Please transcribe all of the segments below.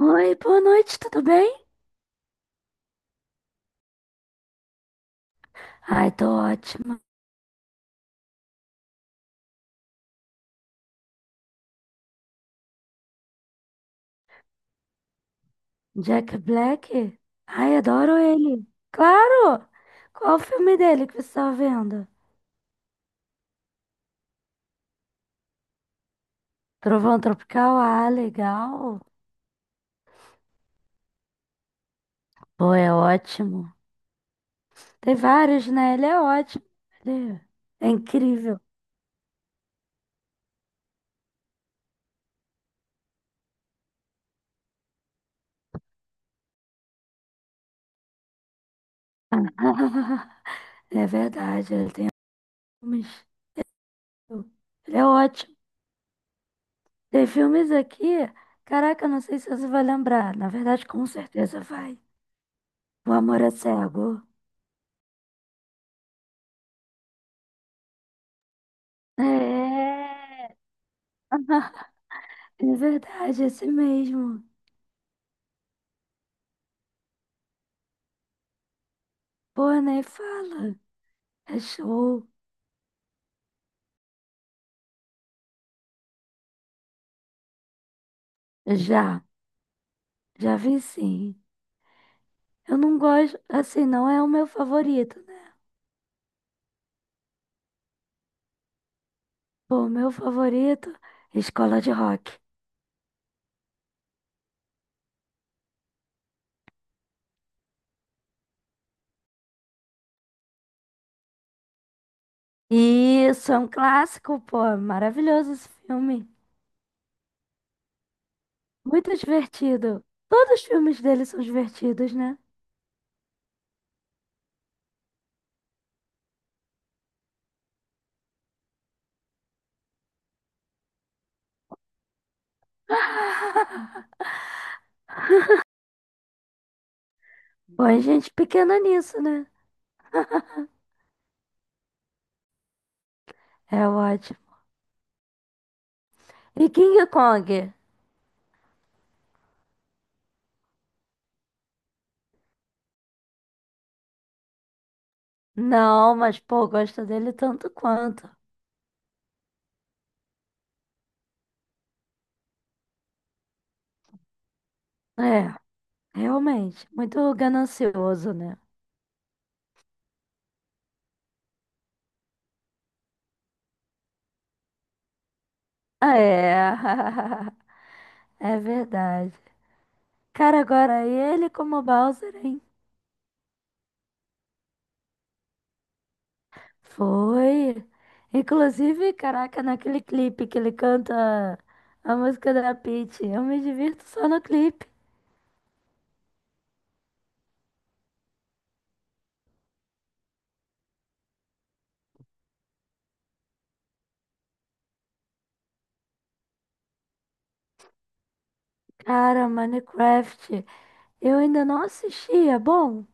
Oi, boa noite, tudo bem? Ai, tô ótima. Jack Black? Ai, adoro ele. Claro! Qual o filme dele que você tá vendo? Trovão Tropical? Ah, legal. Pô, é ótimo. Tem vários, né? Ele é ótimo. Ele é incrível. É verdade, ele tem filmes. Ele é ótimo. Tem filmes aqui. Caraca, não sei se você vai lembrar. Na verdade, com certeza vai. O Amor é Cego. É, é verdade, esse mesmo. Pô, nem fala. É show. Já, já vi sim. Eu não gosto, assim, não é o meu favorito, né? Pô, o meu favorito é Escola de Rock. Isso, é um clássico, pô. Maravilhoso esse filme. Muito divertido. Todos os filmes dele são divertidos, né? Pô, a gente pequena nisso, né? É ótimo. E King Kong? Não, mas pô, gosto dele tanto quanto. É, realmente, muito ganancioso, né? É, é verdade. Cara, agora ele como Bowser, hein? Foi. Inclusive, caraca, naquele clipe que ele canta a música da Peach, eu me divirto só no clipe. Cara, Minecraft, eu ainda não assisti, é bom?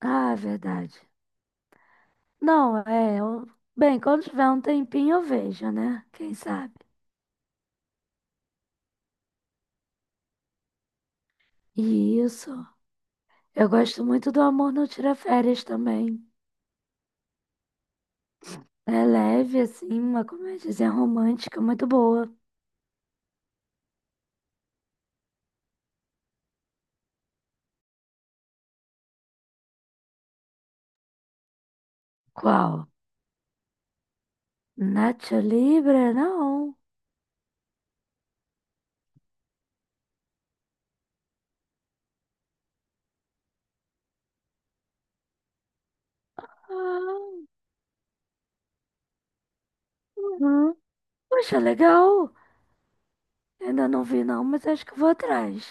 Ah, é verdade. Não, é. Eu... Bem, quando tiver um tempinho eu vejo, né? Quem sabe? E isso. Eu gosto muito do Amor Não Tira Férias também. É leve, assim, uma comédia romântica muito boa. Qual? Nacho Libre? Não. Ah, uhum. Poxa, legal. Ainda não vi, não, mas acho que vou atrás.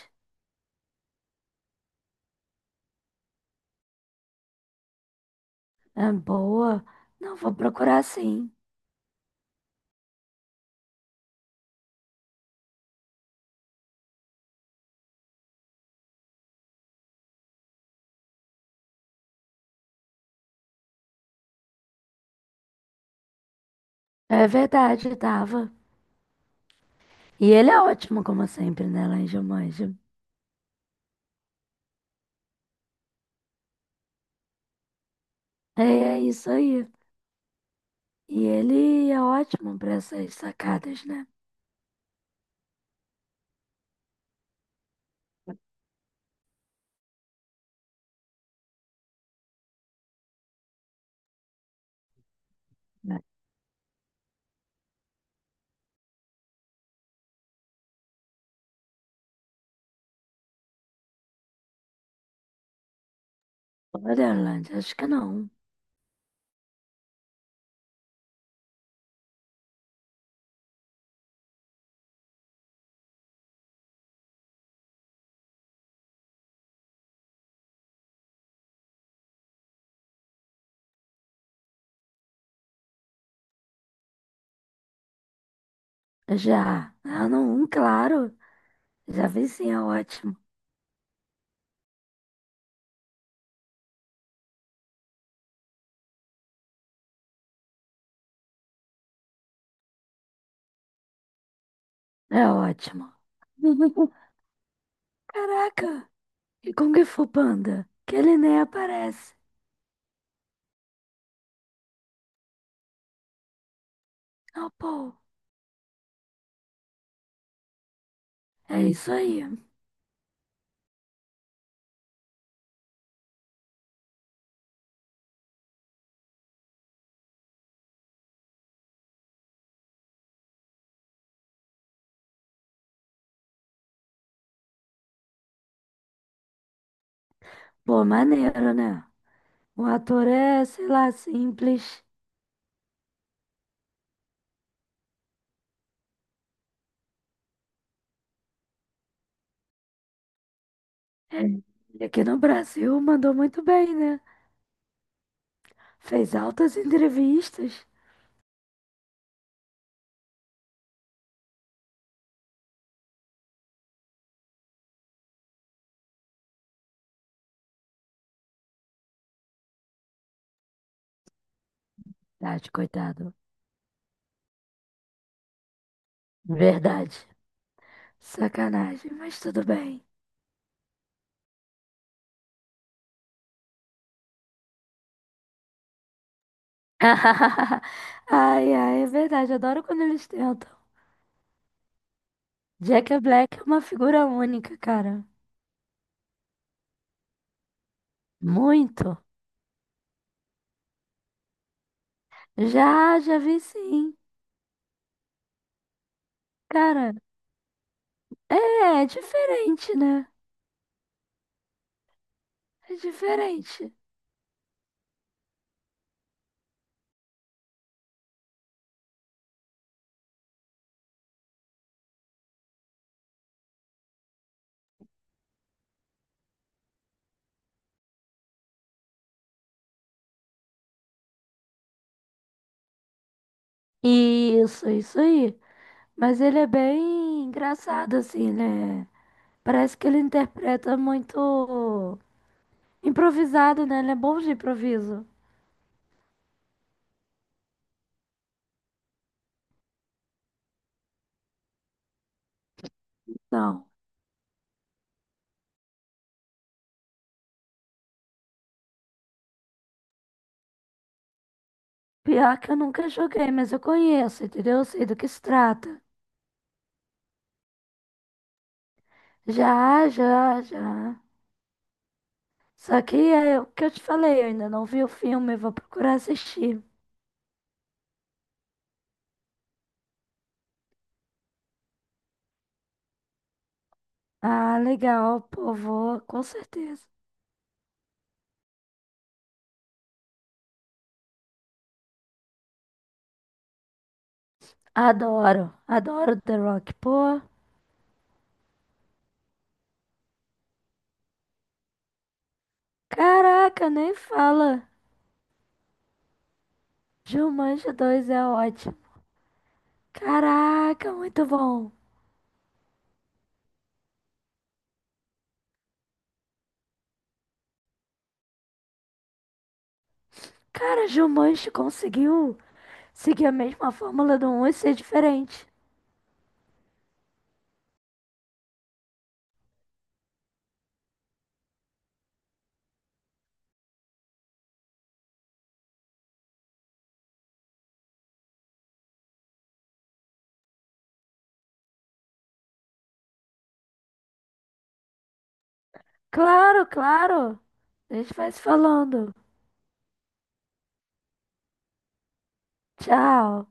É boa. Não, vou procurar sim. É verdade, tava. E ele é ótimo, como sempre, né, Lange Manja? É, é isso aí. E ele é ótimo para essas sacadas, né? Né? Borderland, acho que não. Já. Ah, não, um, claro. Já vi sim, é ótimo. É ótimo. Caraca! E Kung Fu Panda? Que ele nem aparece. Ah, pô. É isso aí. Pô, maneiro, né? O ator é, sei lá, simples. É. E aqui no Brasil mandou muito bem, né? Fez altas entrevistas. Verdade, coitado. Verdade. Sacanagem, mas tudo bem. Ai, ai, é verdade. Adoro quando eles tentam. Jack Black é uma figura única, cara. Muito. Já, já vi sim. Cara, é, é diferente, né? É diferente. Isso aí. Mas ele é bem engraçado, assim, né? Parece que ele interpreta muito improvisado, né? Ele é bom de improviso. Não. Pior que eu nunca joguei, mas eu conheço, entendeu? Eu sei do que se trata. Já, já, já. Só que é o que eu te falei, eu ainda não vi o filme, vou procurar assistir. Ah, legal, pô, vou, com certeza. Adoro, adoro The Rock, pô. Caraca, nem fala. Jumanji dois é ótimo. Caraca, muito bom. Cara, Jumanji conseguiu seguir a mesma fórmula do um e ser diferente. Claro, claro. A gente vai se falando. Tchau.